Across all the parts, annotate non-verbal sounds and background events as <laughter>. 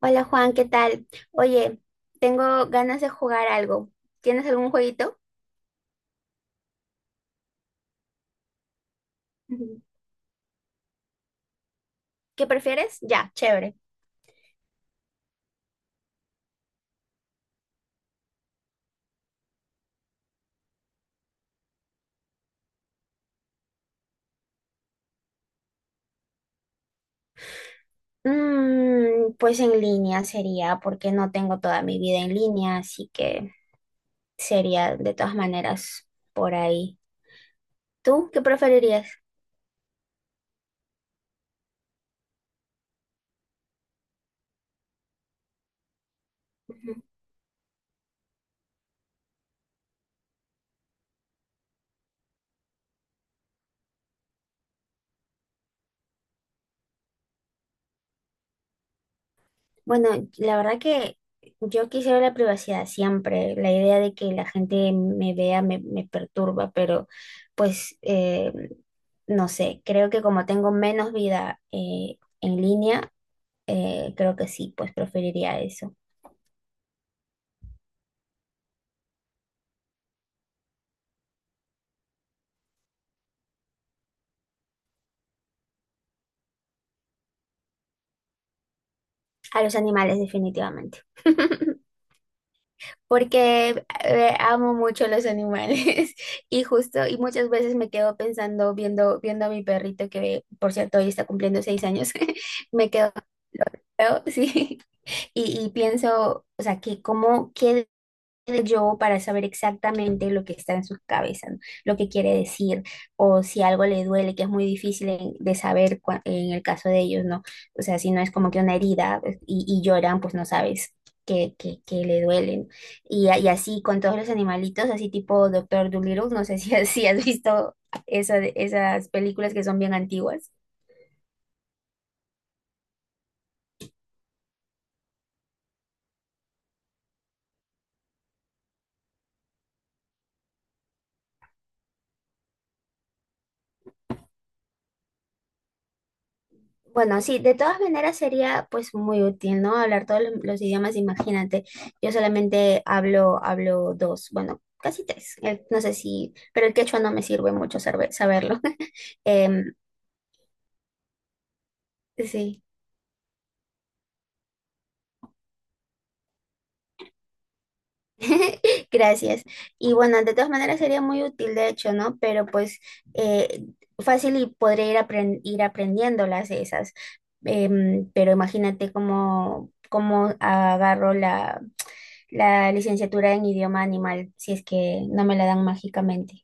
Hola Juan, ¿qué tal? Oye, tengo ganas de jugar algo. ¿Tienes algún jueguito? Ujú. ¿Qué prefieres? Ya, chévere. Pues en línea sería, porque no tengo toda mi vida en línea, así que sería de todas maneras por ahí. ¿Tú qué preferirías? Bueno, la verdad que yo quisiera la privacidad siempre. La idea de que la gente me vea me perturba, pero pues no sé, creo que como tengo menos vida en línea, creo que sí, pues preferiría eso. A los animales, definitivamente. <laughs> Porque amo mucho los animales <laughs> y justo, y muchas veces me quedo pensando, viendo a mi perrito que, por cierto, hoy está cumpliendo 6 años. <laughs> Me quedo, <laughs> sí. Y pienso, o sea, que cómo quedo yo para saber exactamente lo que está en su cabeza, ¿no? Lo que quiere decir, o si algo le duele, que es muy difícil de saber en el caso de ellos, ¿no? O sea, si no es como que una herida pues, y lloran, pues no sabes que le duelen. Y así con todos los animalitos, así tipo Doctor Dolittle, no sé si, <laughs> si has visto eso, esas películas que son bien antiguas. Bueno, sí, de todas maneras sería pues muy útil, ¿no? Hablar todos los idiomas, imagínate. Yo solamente hablo dos, bueno, casi tres. No sé si, pero el quechua no me sirve mucho saberlo. <laughs> Em, sí. <laughs> Gracias. Y bueno, de todas maneras sería muy útil, de hecho, ¿no? Pero pues eh, fácil y podré ir aprendiéndolas esas. Pero imagínate cómo agarro la licenciatura en idioma animal si es que no me la dan mágicamente.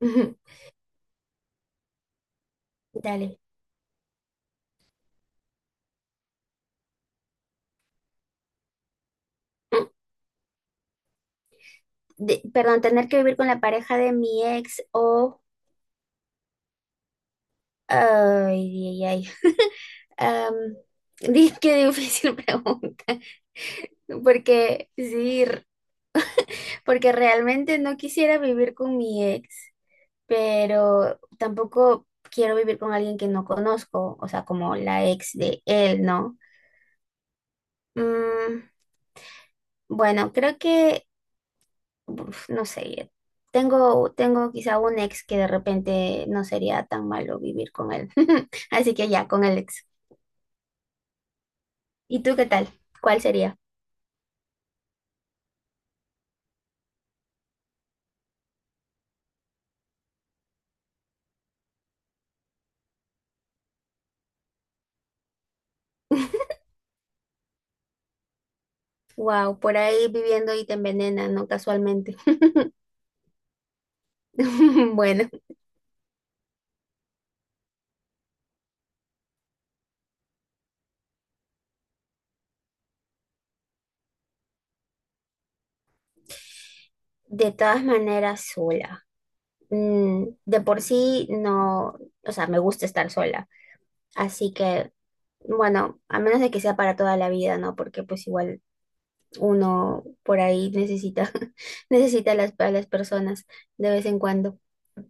<laughs> Ujú. Dale. Perdón, tener que vivir con la pareja de mi ex o. Ay, ay, ay. Am, <laughs> qué difícil <laughs> pregunta. Porque sí, porque realmente no quisiera vivir con mi ex, pero tampoco quiero vivir con alguien que no conozco, o sea, como la ex de él, ¿no? Mm, bueno, creo que, uf, no sé, tengo quizá un ex que de repente no sería tan malo vivir con él. <laughs> Así que ya, con el ex. ¿Y tú qué tal? ¿Cuál sería? <laughs> Wow, por ahí viviendo y te envenenan, ¿no? Casualmente. <laughs> Bueno. De todas maneras, sola. De por sí no, o sea, me gusta estar sola. Así que, bueno, a menos de que sea para toda la vida, ¿no? Porque pues igual uno por ahí necesita, <laughs> necesita a las personas de vez en cuando.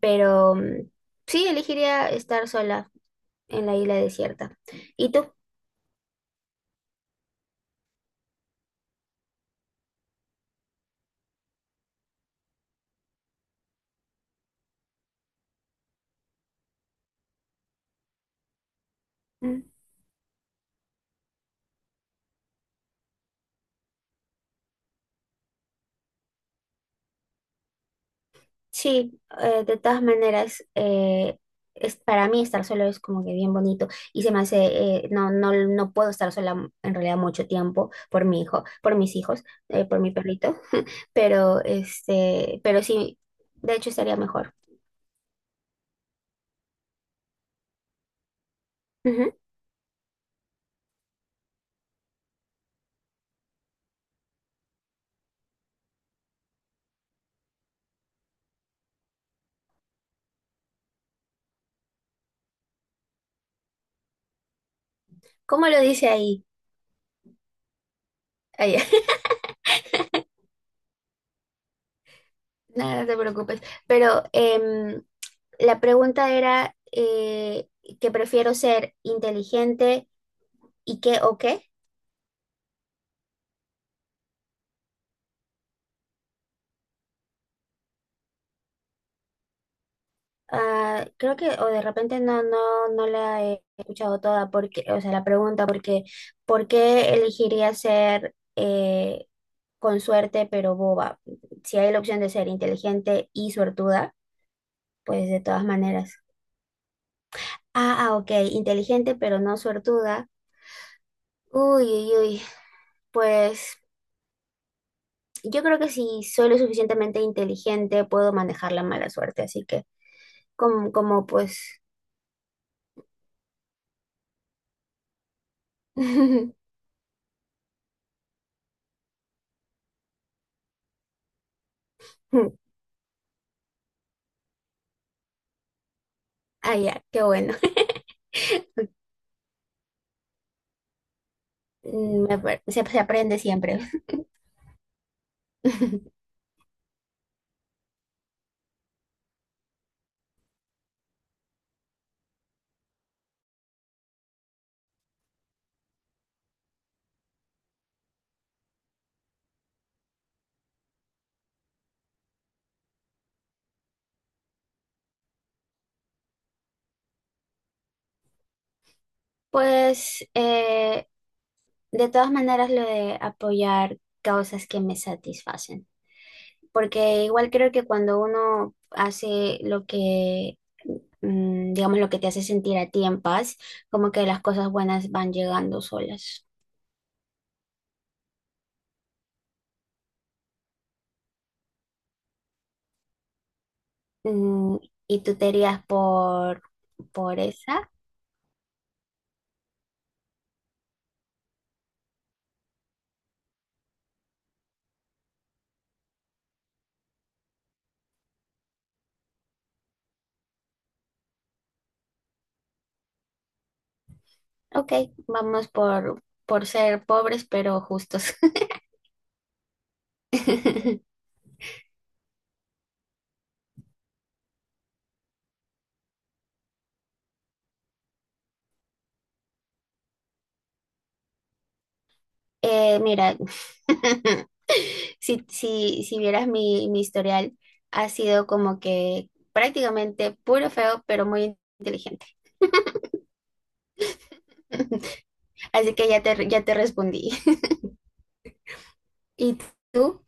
Pero sí, elegiría estar sola en la isla desierta. ¿Y tú? Sí, de todas maneras, es, para mí estar solo es como que bien bonito y se me hace, no puedo estar sola en realidad mucho tiempo por mi hijo, por mis hijos, por mi perrito, pero este, pero sí, de hecho estaría mejor. Ujú. ¿Cómo lo dice ahí? Ahí. <laughs> Nada, no te preocupes, pero la pregunta era que prefiero ser inteligente y qué o qué. Ah, creo que, o de repente no la he escuchado toda, porque, o sea, la pregunta, porque, ¿por qué elegiría ser con suerte pero boba? Si hay la opción de ser inteligente y suertuda, pues de todas maneras. Ah, ah, ok, inteligente pero no suertuda. Uy, uy, uy, pues yo creo que si soy lo suficientemente inteligente puedo manejar la mala suerte, así que como pues. <laughs> Ah, ya, qué bueno. <laughs> Se aprende siempre. <laughs> Pues de todas maneras lo de apoyar causas que me satisfacen, porque igual creo que cuando uno hace lo que, digamos, lo que te hace sentir a ti en paz, como que las cosas buenas van llegando solas. Mm, y tú te irías por, esa. Ok, vamos por ser pobres pero justos. <laughs> Mira. <laughs> Si vieras mi historial, ha sido como que prácticamente puro feo, pero muy inteligente. <laughs> Así que ya te respondí. <laughs> ¿Y tú?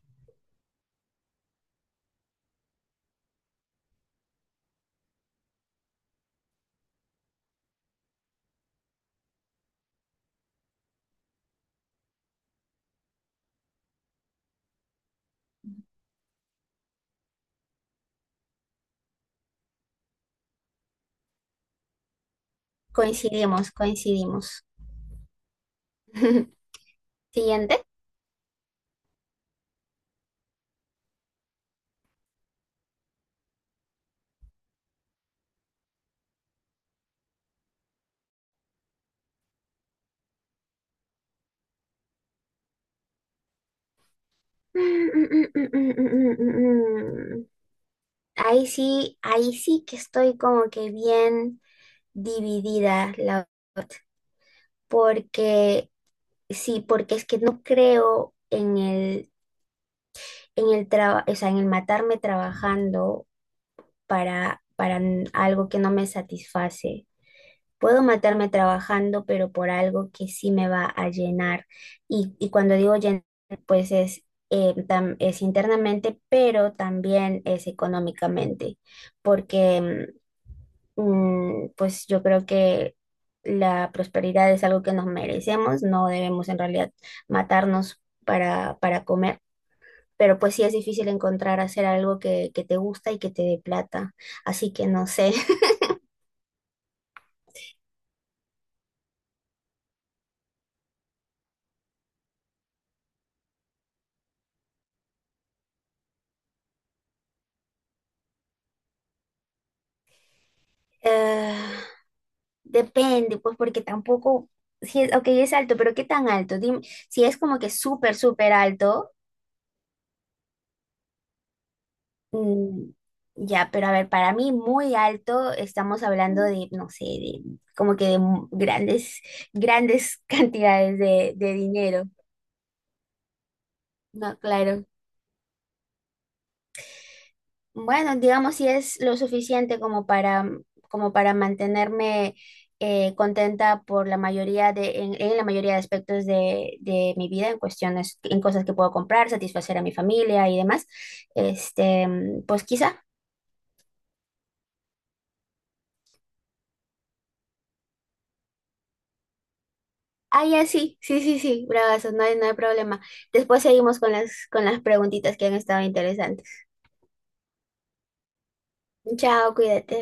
Coincidimos, coincidimos. <laughs> Siguiente. Mm, mm, mm, mm, mm, mm, mm, mm. Ahí sí que estoy como que bien dividida, la verdad, porque sí, porque es que no creo en el o sea, en el matarme trabajando para algo que no me satisface. Puedo matarme trabajando, pero por algo que sí me va a llenar. Y cuando digo llenar, pues es internamente, pero también es económicamente, porque pues yo creo que la prosperidad es algo que nos merecemos, no debemos en realidad matarnos para comer. Pero pues sí es difícil encontrar hacer algo que te gusta y que te dé plata. Así que no sé, Eh, depende, pues porque tampoco, si es, ok, es alto, pero ¿qué tan alto? Dime, si es como que súper, súper alto, mm, ya, pero a ver, para mí muy alto, estamos hablando de, no sé, de, como que de grandes, grandes <laughs> cantidades de dinero. No, claro. Bueno, digamos si es lo suficiente como para mantenerme contenta por la mayoría en la mayoría de aspectos de mi vida, en cuestiones, en cosas que puedo comprar, satisfacer a mi familia y demás. Este, pues quizá. Ah, ya sí, sí, sí, sí, bravazo, no hay problema. Después seguimos con las preguntitas que han estado interesantes. Chao, cuídate.